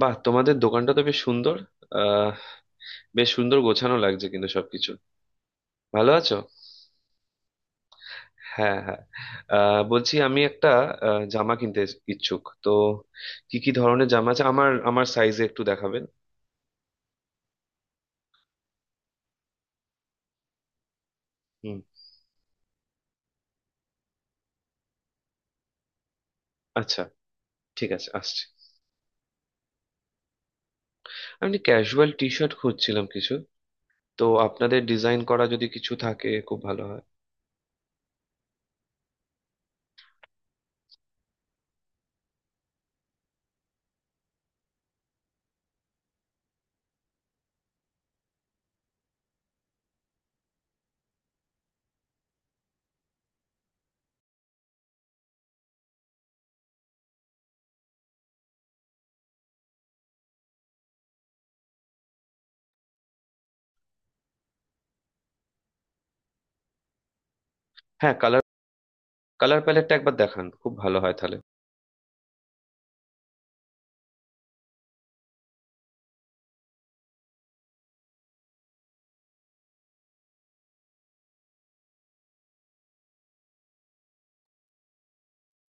বাহ, তোমাদের দোকানটা তো বেশ সুন্দর। আহ বেশ সুন্দর গোছানো লাগছে কিন্তু সবকিছু। ভালো আছো? হ্যাঁ, হ্যাঁ। বলছি আমি একটা জামা কিনতে ইচ্ছুক তো। কি কি ধরনের জামা আছে আমার আমার সাইজে একটু দেখাবেন? হুম। আচ্ছা, ঠিক আছে, আসছি। আমি ক্যাজুয়াল টি শার্ট খুঁজছিলাম কিছু, তো আপনাদের ডিজাইন করা যদি কিছু থাকে খুব ভালো হয়। হ্যাঁ, কালার, কালার প্যালেটটা একবার দেখান, খুব ভালো হয় তাহলে।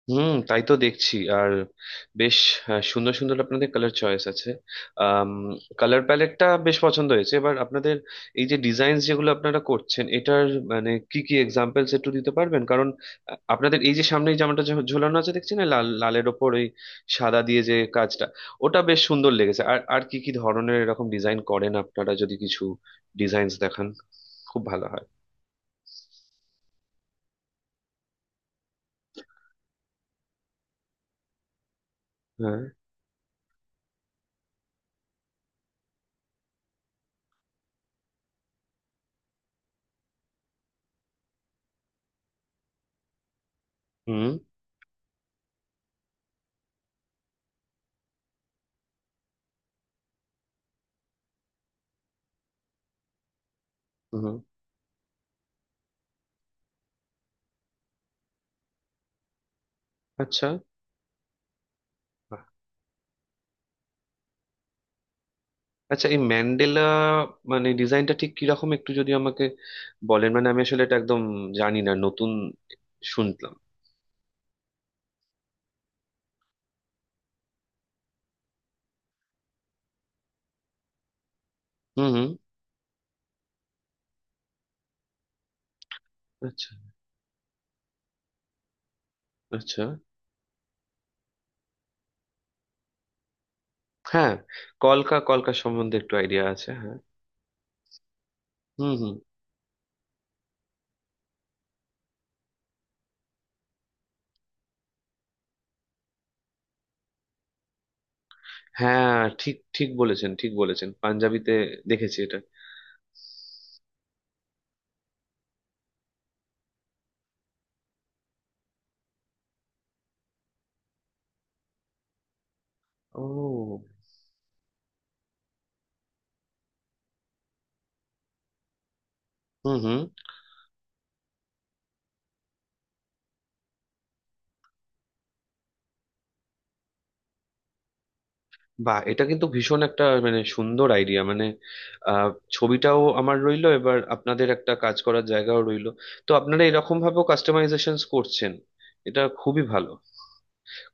হুম, তাই তো দেখছি। আর বেশ সুন্দর সুন্দর আপনাদের কালার চয়েস আছে। কালার প্যালেটটা বেশ পছন্দ হয়েছে। এবার আপনাদের এই যে ডিজাইন যেগুলো আপনারা করছেন, এটার মানে কি কি এক্সাম্পলস একটু দিতে পারবেন? কারণ আপনাদের এই যে সামনে এই জামাটা ঝোলানো আছে দেখছি না, লাল, লালের ওপর ওই সাদা দিয়ে যে কাজটা, ওটা বেশ সুন্দর লেগেছে। আর আর কি কি ধরনের এরকম ডিজাইন করেন আপনারা? যদি কিছু ডিজাইনস দেখান, খুব ভালো হয়। হ্যাঁ। হুম, হুম। আচ্ছা। আচ্ছা, এই ম্যান্ডেলা মানে ডিজাইনটা ঠিক কিরকম একটু যদি আমাকে বলেন? মানে আমি আসলে এটা একদম জানি না, নতুন শুনলাম। হুম, হুম। আচ্ছা। আচ্ছা, হ্যাঁ। কলকা কলকা সম্বন্ধে একটু আইডিয়া আছে, হ্যাঁ। হুম, হুম। হ্যাঁ, ঠিক ঠিক বলেছেন, ঠিক বলেছেন, পাঞ্জাবিতে দেখেছি এটা। ও। হুম, হুম। বা, এটা কিন্তু ভীষণ একটা মানে সুন্দর আইডিয়া মানে, আহ ছবিটাও আমার রইলো, এবার আপনাদের একটা কাজ করার জায়গাও রইলো। তো আপনারা এরকম ভাবেও কাস্টমাইজেশন করছেন, এটা খুবই ভালো,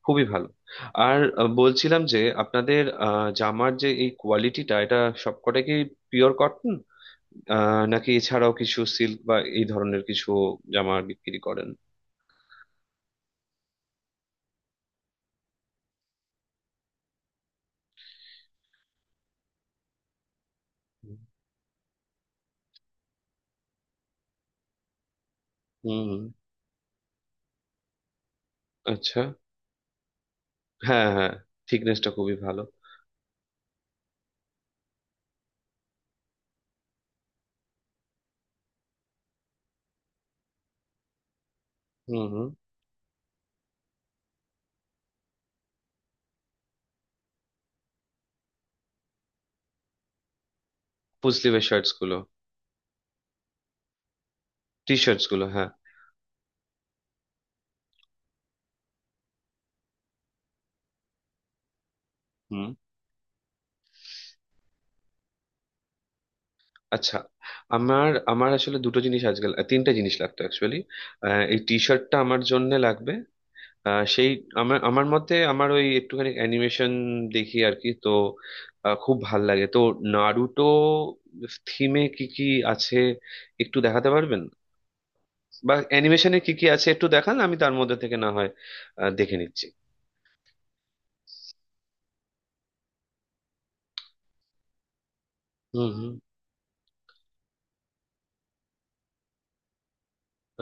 খুবই ভালো। আর বলছিলাম যে আপনাদের জামার যে এই কোয়ালিটিটা, এটা সবকটা কি পিওর কটন নাকি এছাড়াও কিছু সিল্ক বা এই ধরনের কিছু জামা বিক্রি করেন? হুম, হুম। আচ্ছা। হ্যাঁ, হ্যাঁ, থিকনেসটা খুবই ভালো। হুম, হুম। ফুল স্লিভের শার্টস গুলো? টি শার্টস গুলো, হ্যাঁ। হুম। আচ্ছা। আমার আমার আসলে দুটো জিনিস আজকাল, তিনটা জিনিস লাগতো অ্যাকচুয়ালি। এই টি শার্টটা আমার জন্য লাগবে। সেই আমার আমার মতে আমার ওই একটুখানি অ্যানিমেশন দেখি আর কি, তো খুব ভাল লাগে তো। নারুটো থিমে কি কি আছে একটু দেখাতে পারবেন? বা অ্যানিমেশনে কি কি আছে একটু দেখান, আমি তার মধ্যে থেকে না হয় দেখে নিচ্ছি। হুম, হুম।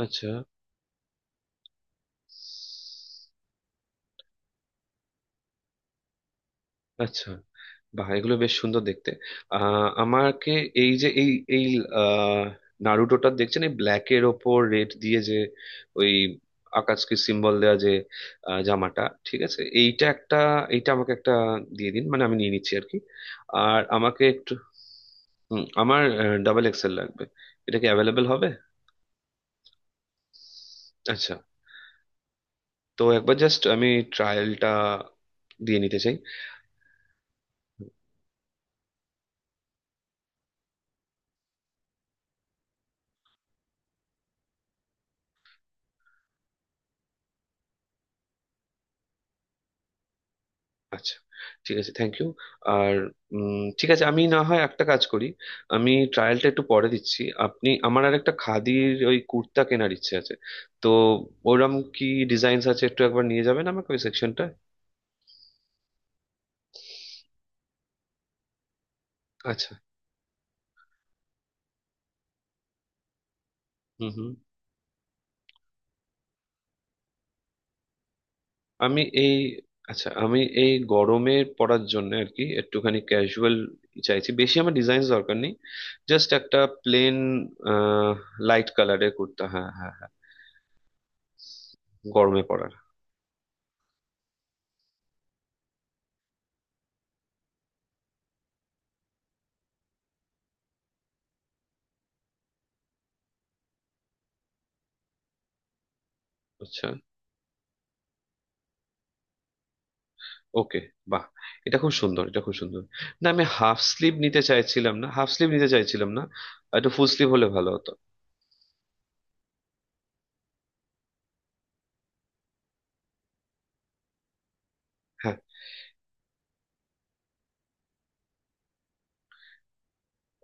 আচ্ছা, আচ্ছা। বাহ, এগুলো বেশ সুন্দর দেখতে। আমাকে এই যে এই এই আহ নারুটোটা দেখছেন, এই ব্ল্যাকের ওপর রেড দিয়ে যে ওই আকাশকে সিম্বল দেওয়া যে জামাটা, ঠিক আছে, এইটা একটা, এইটা আমাকে একটা দিয়ে দিন, মানে আমি নিয়ে নিচ্ছি আর কি। আর আমাকে একটু আমার ডাবল এক্সেল লাগবে, এটা কি অ্যাভেলেবেল হবে? আচ্ছা, তো একবার জাস্ট আমি ট্রায়ালটা দিয়ে নিতে চাই। আচ্ছা, ঠিক আছে, থ্যাংক ইউ। আর ঠিক আছে, আমি না হয় একটা কাজ করি, আমি ট্রায়ালটা একটু পরে দিচ্ছি। আপনি আমার আর একটা খাদির ওই কুর্তা কেনার ইচ্ছে আছে, তো ওরম কি ডিজাইনস আছে একটু একবার নিয়ে যাবেন আমাকে ওই সেকশনটা? আচ্ছা। হুম, হুম। আমি এই, আচ্ছা, আমি এই গরমে পড়ার জন্য আর কি একটুখানি ক্যাজুয়াল চাইছি, বেশি আমার ডিজাইন দরকার নেই, জাস্ট একটা প্লেন লাইট কালারের কুর্তা, হ্যাঁ হ্যাঁ হ্যাঁ, গরমে পড়ার। আচ্ছা, ওকে। বাহ, এটা খুব সুন্দর, এটা খুব সুন্দর। না, আমি হাফ স্লিভ নিতে চাইছিলাম না, হাফ স্লিভ নিতে চাইছিলাম না, একটু ফুল স্লিভ হলে ভালো হতো। হ্যাঁ,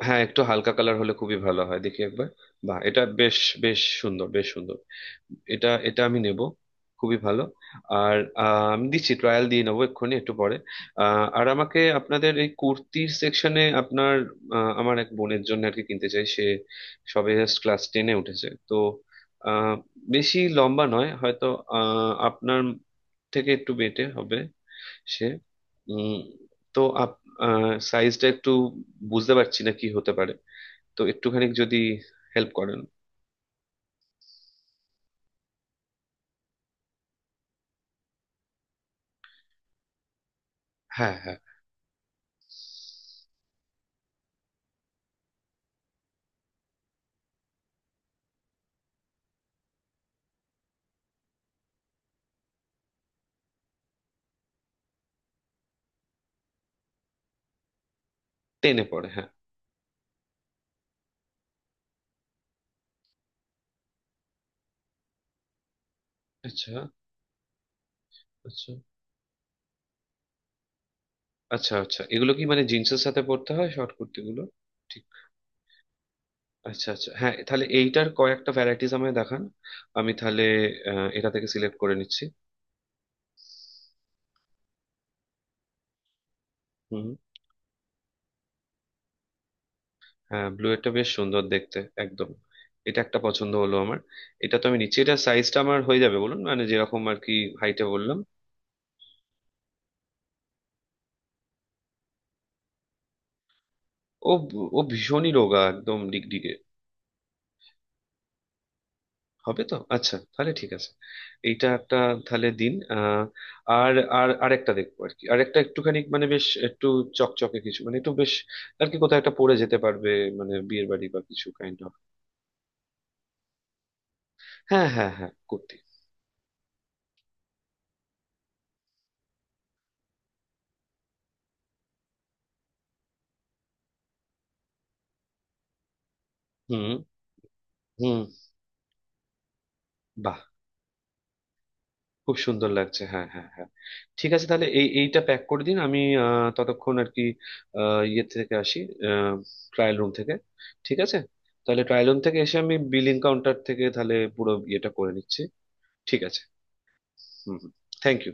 হ্যাঁ একটু হালকা কালার হলে খুবই ভালো হয়, দেখি একবার। বাহ, এটা বেশ, বেশ সুন্দর, বেশ সুন্দর, এটা, এটা আমি নেব, খুবই ভালো। আর আমি দিচ্ছি, ট্রায়াল দিয়ে নেবো এক্ষুনি একটু পরে। আর আমাকে আপনাদের এই কুর্তির সেকশনে আপনার আমার এক বোনের জন্য আর কি কিনতে চাই। সে সবে জাস্ট ক্লাস টেনে উঠেছে, তো আহ, বেশি লম্বা নয় হয়তো, আপনার থেকে একটু বেটে হবে সে। উম, তো আপ সাইজটা একটু বুঝতে পারছি না কি হতে পারে, তো একটুখানি যদি হেল্প করেন। হ্যাঁ, হ্যাঁ, টেনে পড়ে, হ্যাঁ। আচ্ছা। আচ্ছা। আচ্ছা, আচ্ছা, এগুলো কি মানে জিন্সের সাথে পড়তে হয় শর্ট কুর্তিগুলো, ঠিক? আচ্ছা আচ্ছা, হ্যাঁ, তাহলে এইটার কয়েকটা ভ্যারাইটিস আমায় দেখান, আমি তাহলে এটা থেকে সিলেক্ট করে নিচ্ছি। হুম। হ্যাঁ, ব্লু, এটা বেশ সুন্দর দেখতে, একদম, এটা একটা পছন্দ হলো আমার, এটা তো আমি নিচ্ছি। এটা সাইজটা আমার হয়ে যাবে বলুন? মানে যেরকম আর কি হাইটে বললাম। ও, ও ভীষণই রোগা, একদম ডিগডিগে। হবে? তো আচ্ছা, তাহলে ঠিক আছে, এইটা একটা তাহলে দিন। আর, আর আরেকটা দেখবো আর কি, আরেকটা একটুখানি মানে বেশ একটু চকচকে কিছু, মানে একটু বেশ আর কি কোথাও একটা পরে যেতে পারবে, মানে বিয়ের বাড়ি বা কিছু কাইন্ড অফ। হ্যাঁ হ্যাঁ হ্যাঁ, কুর্তি। হুম। হুম। বাহ, খুব সুন্দর লাগছে, হ্যাঁ হ্যাঁ হ্যাঁ। ঠিক আছে, তাহলে এই এইটা প্যাক করে দিন, আমি ততক্ষণ আর কি ইয়ে থেকে আসি, ট্রায়াল রুম থেকে। ঠিক আছে, তাহলে ট্রায়াল রুম থেকে এসে আমি বিলিং কাউন্টার থেকে তাহলে পুরো ইয়েটা করে নিচ্ছি। ঠিক আছে। হুম, হুম, থ্যাংক ইউ।